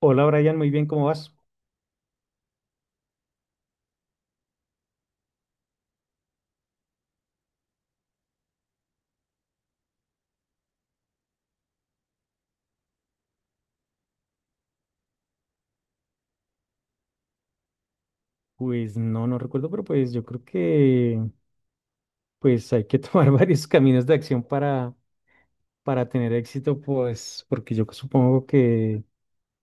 Hola Brian, muy bien, ¿cómo vas? Pues no, no recuerdo, pero pues yo creo que pues hay que tomar varios caminos de acción para tener éxito, pues porque yo supongo que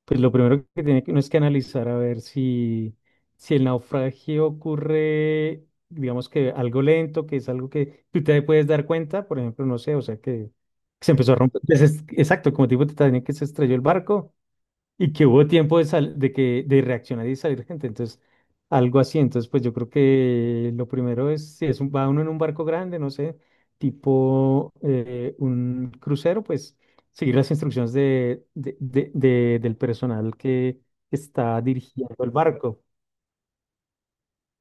pues lo primero que tiene que uno es que analizar a ver si el naufragio ocurre, digamos que algo lento, que es algo que tú te puedes dar cuenta, por ejemplo, no sé, o sea que se empezó a romper, pues, exacto, como tipo te que se estrelló el barco y que hubo tiempo de, de reaccionar y salir gente. Entonces, algo así. Entonces, pues yo creo que lo primero es, si es un, va uno en un barco grande, no sé, tipo un crucero, pues seguir las instrucciones del personal que está dirigiendo el barco.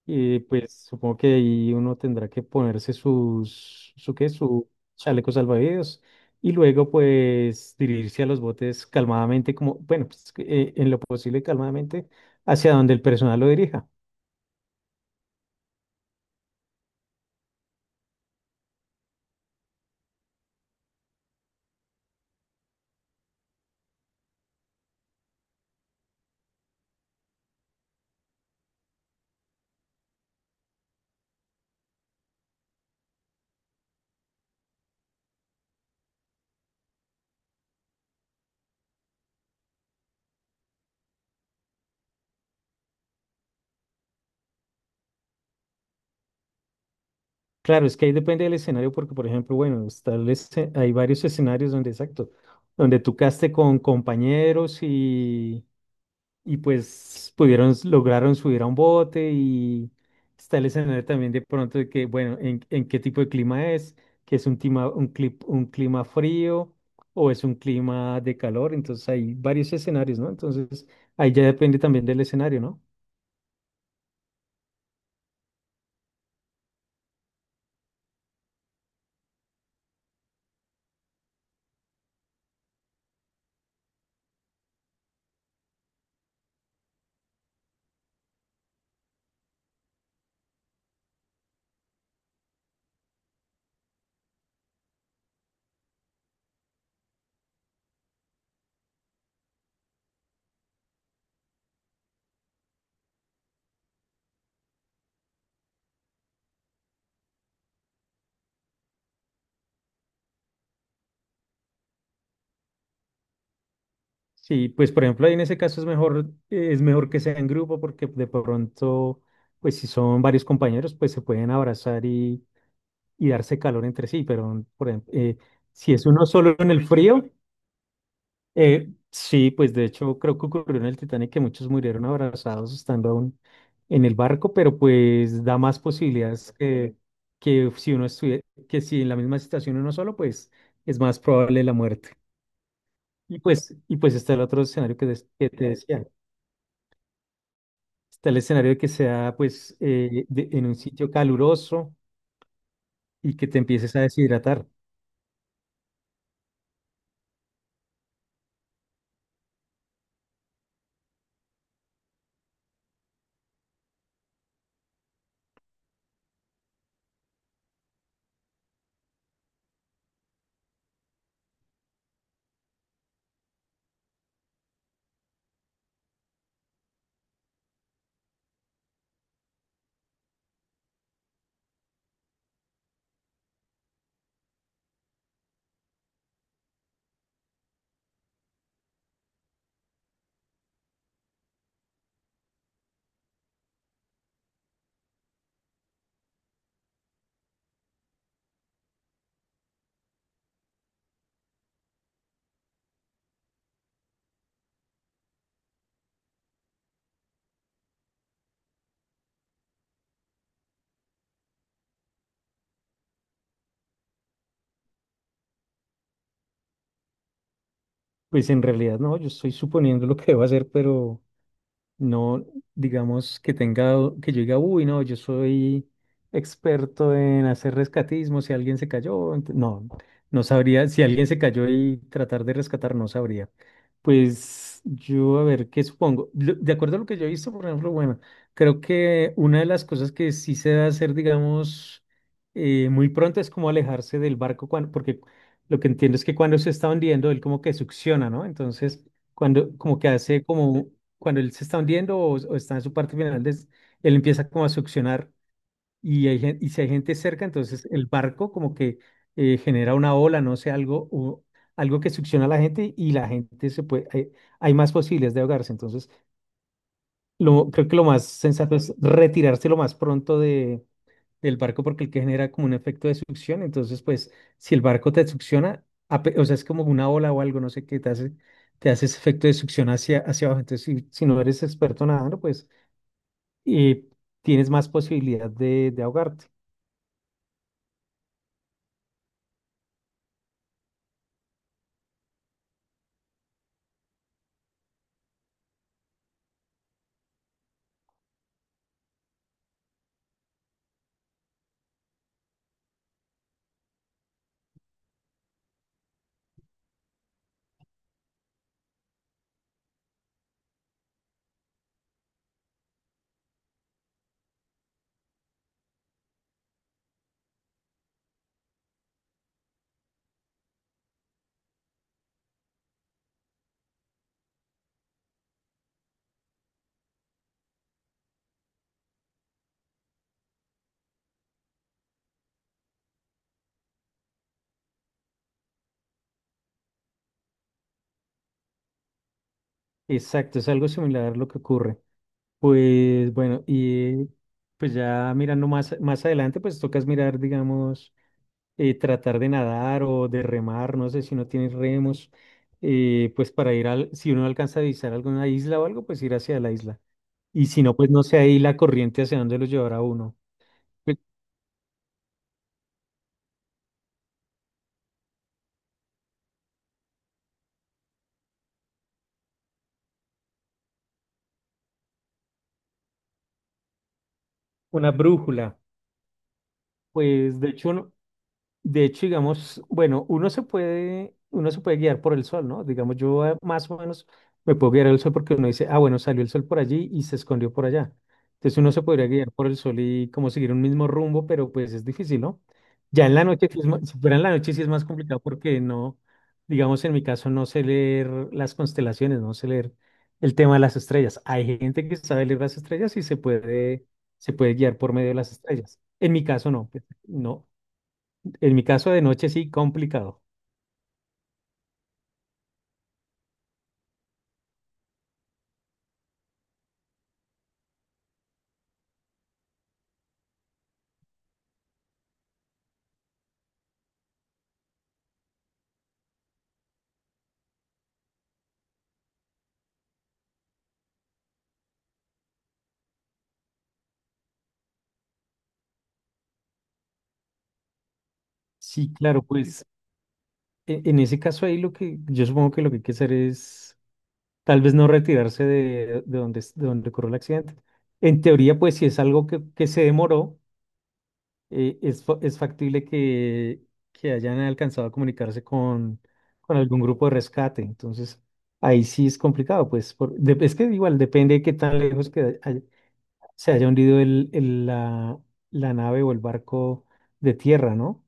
Y pues supongo que ahí uno tendrá que ponerse sus, su qué, su chaleco salvavidas y luego pues dirigirse a los botes calmadamente, como, bueno, pues, que, en lo posible calmadamente hacia donde el personal lo dirija. Claro, es que ahí depende del escenario porque, por ejemplo, bueno, está hay varios escenarios donde, exacto, donde tú caste con compañeros y pues pudieron, lograron subir a un bote y está el escenario también de pronto de que, bueno, en qué tipo de clima es, que es un clima, un clima frío o es un clima de calor, entonces hay varios escenarios, ¿no? Entonces ahí ya depende también del escenario, ¿no? Sí, pues por ejemplo, ahí en ese caso es mejor que sea en grupo porque de pronto, pues si son varios compañeros, pues se pueden abrazar y darse calor entre sí, pero por ejemplo, si es uno solo en el frío, sí, pues de hecho creo que ocurrió en el Titanic que muchos murieron abrazados estando aún en el barco, pero pues da más posibilidades que si uno estuviera, que si en la misma situación uno solo, pues es más probable la muerte. Y pues está el otro escenario que te decía. Está el escenario de que sea pues en un sitio caluroso y que te empieces a deshidratar. Pues en realidad no, yo estoy suponiendo lo que debo hacer, pero no, digamos que tenga, que yo diga, uy, no, yo soy experto en hacer rescatismo, si alguien se cayó, no, no sabría, si alguien se cayó y tratar de rescatar, no sabría. Pues yo, a ver, ¿qué supongo? De acuerdo a lo que yo he visto, por ejemplo, bueno, creo que una de las cosas que sí se debe hacer, digamos, muy pronto es como alejarse del barco, cuando, porque lo que entiendo es que cuando se está hundiendo, él como que succiona, ¿no? Entonces, cuando como que hace como cuando él se está hundiendo o está en su parte final, él empieza como a succionar y, y si hay gente cerca, entonces el barco como que genera una ola, no sé, algo, o algo que succiona a la gente y la gente se puede, hay más posibilidades de ahogarse. Entonces, lo, creo que lo más sensato es retirarse lo más pronto de, del barco porque el que genera como un efecto de succión, entonces pues si el barco te succiona, o sea, es como una ola o algo, no sé qué te hace ese efecto de succión hacia abajo. Entonces, si, si no eres experto nadando, pues y tienes más posibilidad de ahogarte. Exacto, es algo similar a lo que ocurre. Pues bueno, y pues ya mirando más adelante, pues tocas mirar, digamos, tratar de nadar o de remar, no sé si no tienes remos, pues para ir al, si uno alcanza a visitar alguna isla o algo, pues ir hacia la isla. Y si no, pues no sé ahí la corriente hacia dónde lo llevará uno. Pues, una brújula. Pues de hecho, de hecho, digamos, bueno, uno se puede guiar por el sol, ¿no? Digamos, yo más o menos me puedo guiar el sol porque uno dice, ah, bueno, salió el sol por allí y se escondió por allá. Entonces uno se podría guiar por el sol y como seguir un mismo rumbo, pero pues es difícil, ¿no? Ya en la noche, sí es si fuera en la noche sí es más complicado porque no, digamos, en mi caso no sé leer las constelaciones, no sé leer el tema de las estrellas. Hay gente que sabe leer las estrellas y se puede guiar por medio de las estrellas. En mi caso no, pues, no. En mi caso de noche sí, complicado. Sí, claro, pues en ese caso ahí lo que yo supongo que lo que hay que hacer es tal vez no retirarse de donde, de donde ocurrió el accidente. En teoría, pues si es algo que se demoró, es, es factible que hayan alcanzado a comunicarse con algún grupo de rescate. Entonces, ahí sí es complicado, pues es que igual depende de qué tan lejos que se haya hundido la, la nave o el barco de tierra, ¿no?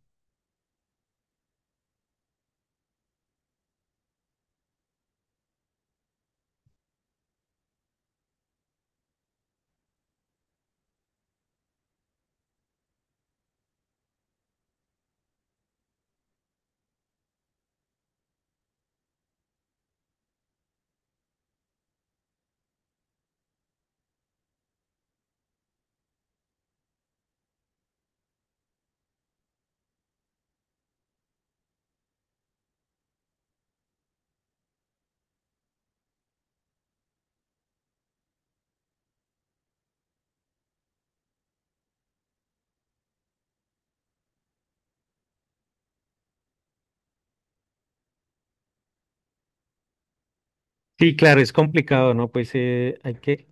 Sí, claro, es complicado, ¿no? Pues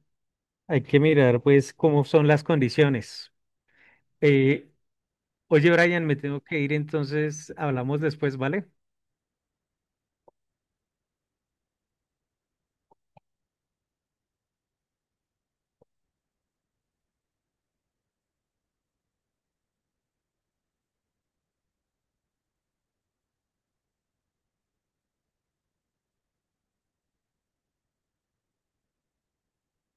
hay que mirar, pues, cómo son las condiciones. Eh, oye, Brian, me tengo que ir, entonces hablamos después, ¿vale?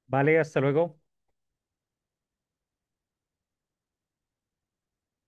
Vale, hasta luego.